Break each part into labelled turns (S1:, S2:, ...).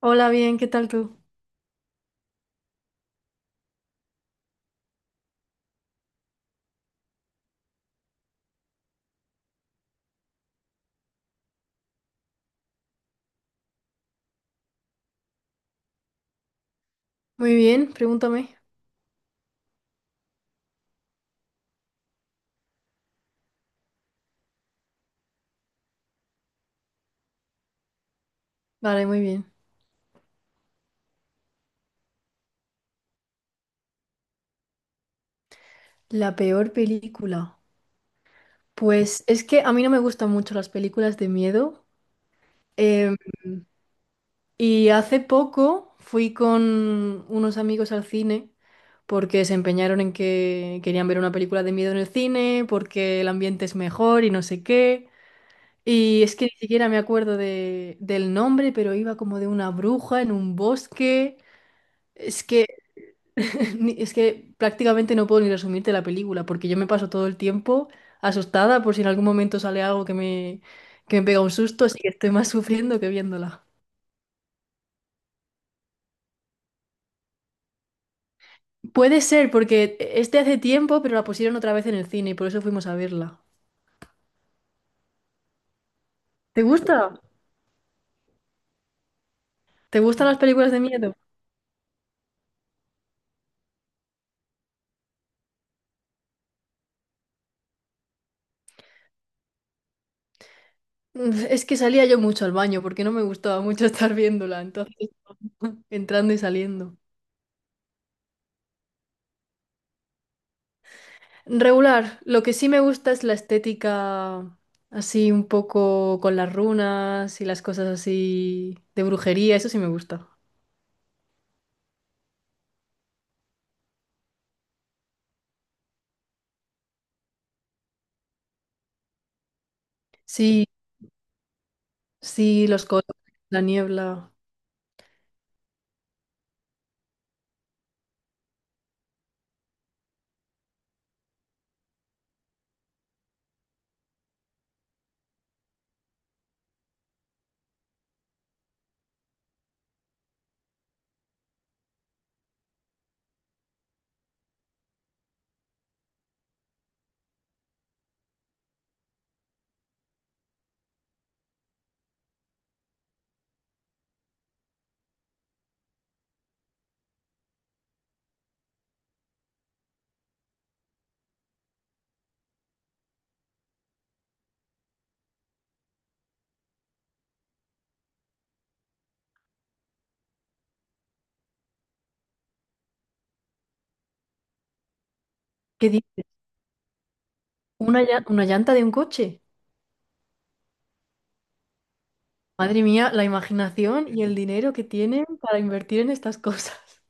S1: Hola, bien, ¿qué tal tú? Muy bien, pregúntame. Vale, muy bien. La peor película. Pues es que a mí no me gustan mucho las películas de miedo. em, y hace poco fui con unos amigos al cine porque se empeñaron en que querían ver una película de miedo en el cine, porque el ambiente es mejor y no sé qué. Y es que ni siquiera me acuerdo del nombre, pero iba como de una bruja en un bosque. Es que Es que prácticamente no puedo ni resumirte la película, porque yo me paso todo el tiempo asustada por si en algún momento sale algo que me pega un susto, así que estoy más sufriendo que viéndola. Puede ser, porque hace tiempo, pero la pusieron otra vez en el cine y por eso fuimos a verla. ¿Te gusta? ¿Te gustan las películas de miedo? Es que salía yo mucho al baño porque no me gustaba mucho estar viéndola, entonces entrando y saliendo. Regular, lo que sí me gusta es la estética así un poco con las runas y las cosas así de brujería, eso sí me gusta. Sí, sí, los colores, la niebla. ¿Qué dices? ¿Una llanta de un coche? Madre mía, la imaginación y el dinero que tienen para invertir en estas cosas.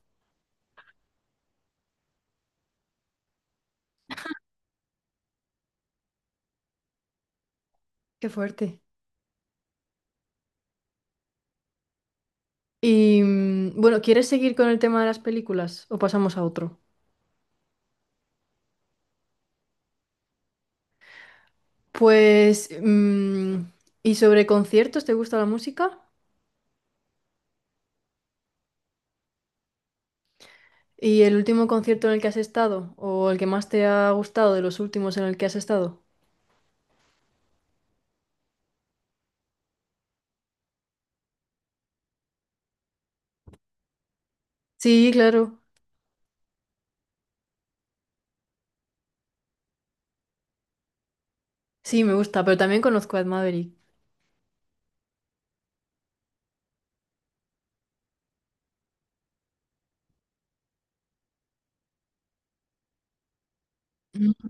S1: Qué fuerte. Y bueno, ¿quieres seguir con el tema de las películas o pasamos a otro? Pues, ¿y sobre conciertos? ¿Te gusta la música? ¿Y el último concierto en el que has estado? ¿O el que más te ha gustado de los últimos en el que has estado? Sí, claro. Sí, me gusta, pero también conozco a Ed Maverick. Mm.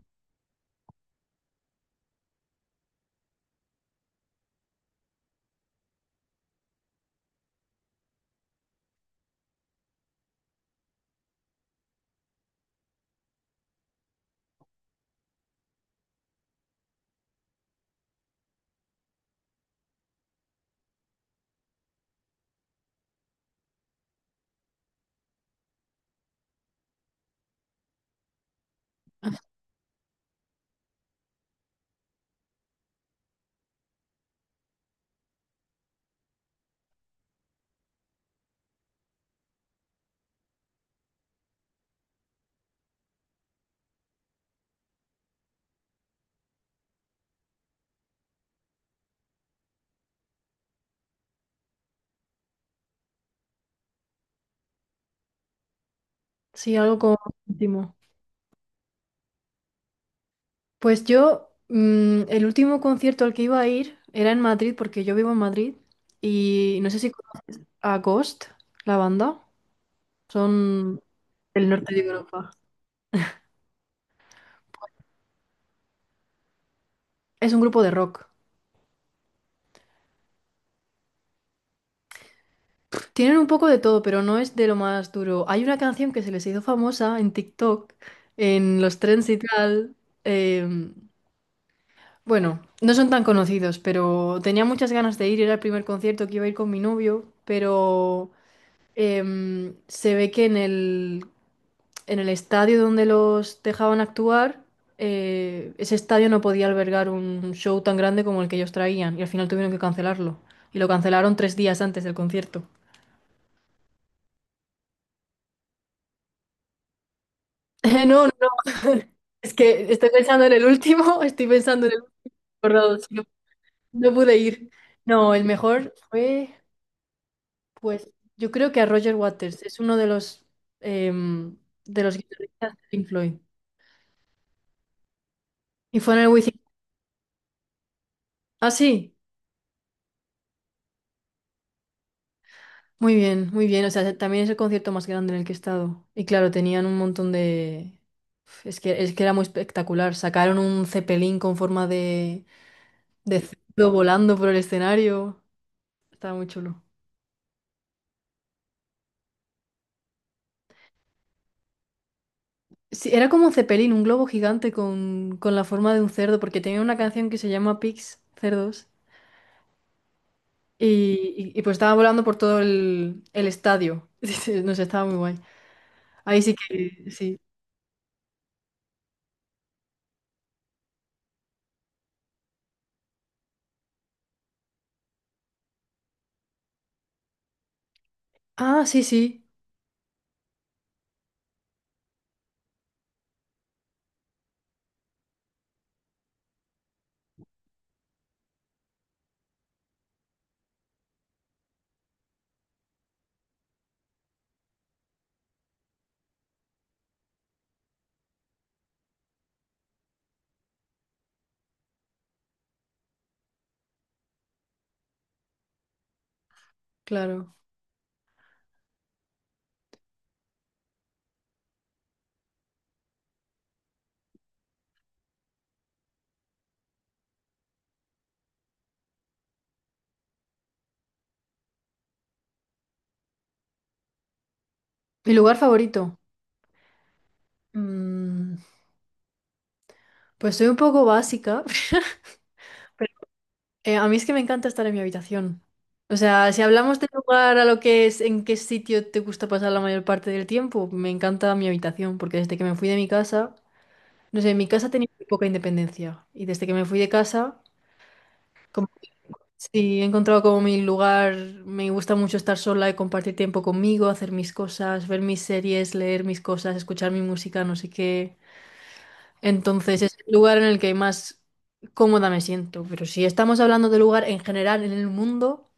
S1: Sí, algo como último. Pues yo, el último concierto al que iba a ir era en Madrid, porque yo vivo en Madrid. Y no sé si conoces a Ghost, la banda. Son del norte de Europa. Es un grupo de rock. Tienen un poco de todo, pero no es de lo más duro. Hay una canción que se les hizo famosa en TikTok, en los trends y tal. em, bueno, no son tan conocidos, pero tenía muchas ganas de ir. Era el primer concierto que iba a ir con mi novio, pero se ve que en el estadio donde los dejaban actuar, ese estadio no podía albergar un show tan grande como el que ellos traían y al final tuvieron que cancelarlo. Y lo cancelaron tres días antes del concierto. No, no, es que estoy pensando en el último, estoy pensando en el último round, sí. No, no pude ir. No, el mejor fue, pues, yo creo que a Roger Waters, es uno de em, los guitarristas de Pink Floyd. Y fue en el Wizzing. Ah, sí, muy bien, muy bien. O sea, también es el concierto más grande en el que he estado. Y claro, tenían un montón de. Es que era muy espectacular. Sacaron un cepelín con forma de cerdo volando por el escenario. Estaba muy chulo. Sí, era como Zeppelin, un globo gigante con la forma de un cerdo, porque tenía una canción que se llama Pigs, cerdos, y, y pues estaba volando por todo el estadio. Dice, no sé, estaba muy guay. Ahí sí que, sí. Ah, sí, sí, claro. Mi lugar favorito. Mm, pues soy un poco básica, pero a mí es que me encanta estar en mi habitación. O sea, si hablamos de lugar a lo que es, en qué sitio te gusta pasar la mayor parte del tiempo, me encanta mi habitación, porque desde que me fui de mi casa... No sé, en mi casa tenía muy poca independencia y desde que me fui de casa, como, sí, he encontrado como mi lugar, me gusta mucho estar sola y compartir tiempo conmigo, hacer mis cosas, ver mis series, leer mis cosas, escuchar mi música, no sé qué. Entonces es el lugar en el que más cómoda me siento, pero si estamos hablando de lugar en general en el mundo,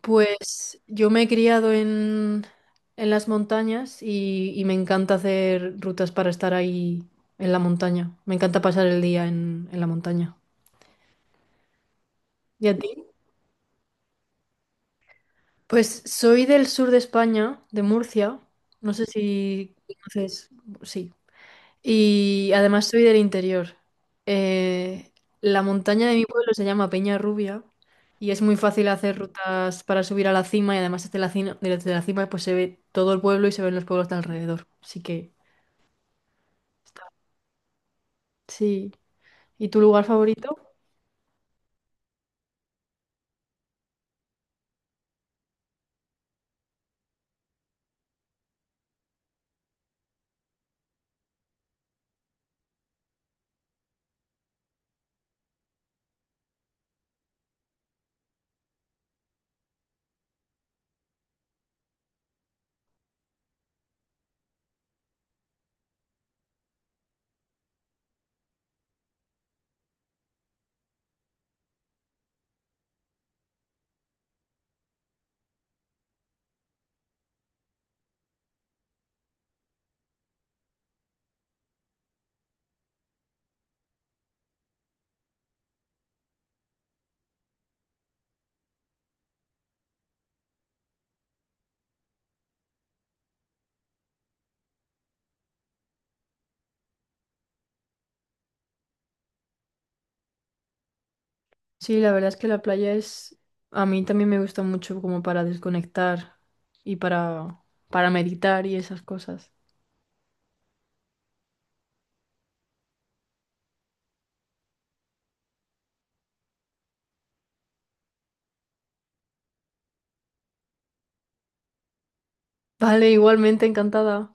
S1: pues yo me he criado en las montañas y me encanta hacer rutas para estar ahí en la montaña. Me encanta pasar el día en la montaña. ¿Y a ti? Pues soy del sur de España, de Murcia. No sé si conoces. Sí. Y además soy del interior. Eh, la montaña de mi pueblo se llama Peña Rubia y es muy fácil hacer rutas para subir a la cima y además desde la cima pues se ve todo el pueblo y se ven los pueblos de alrededor. Así que está. Sí. ¿Y tu lugar favorito? Sí, la verdad es que la playa es... A mí también me gusta mucho como para desconectar y para meditar y esas cosas. Vale, igualmente encantada.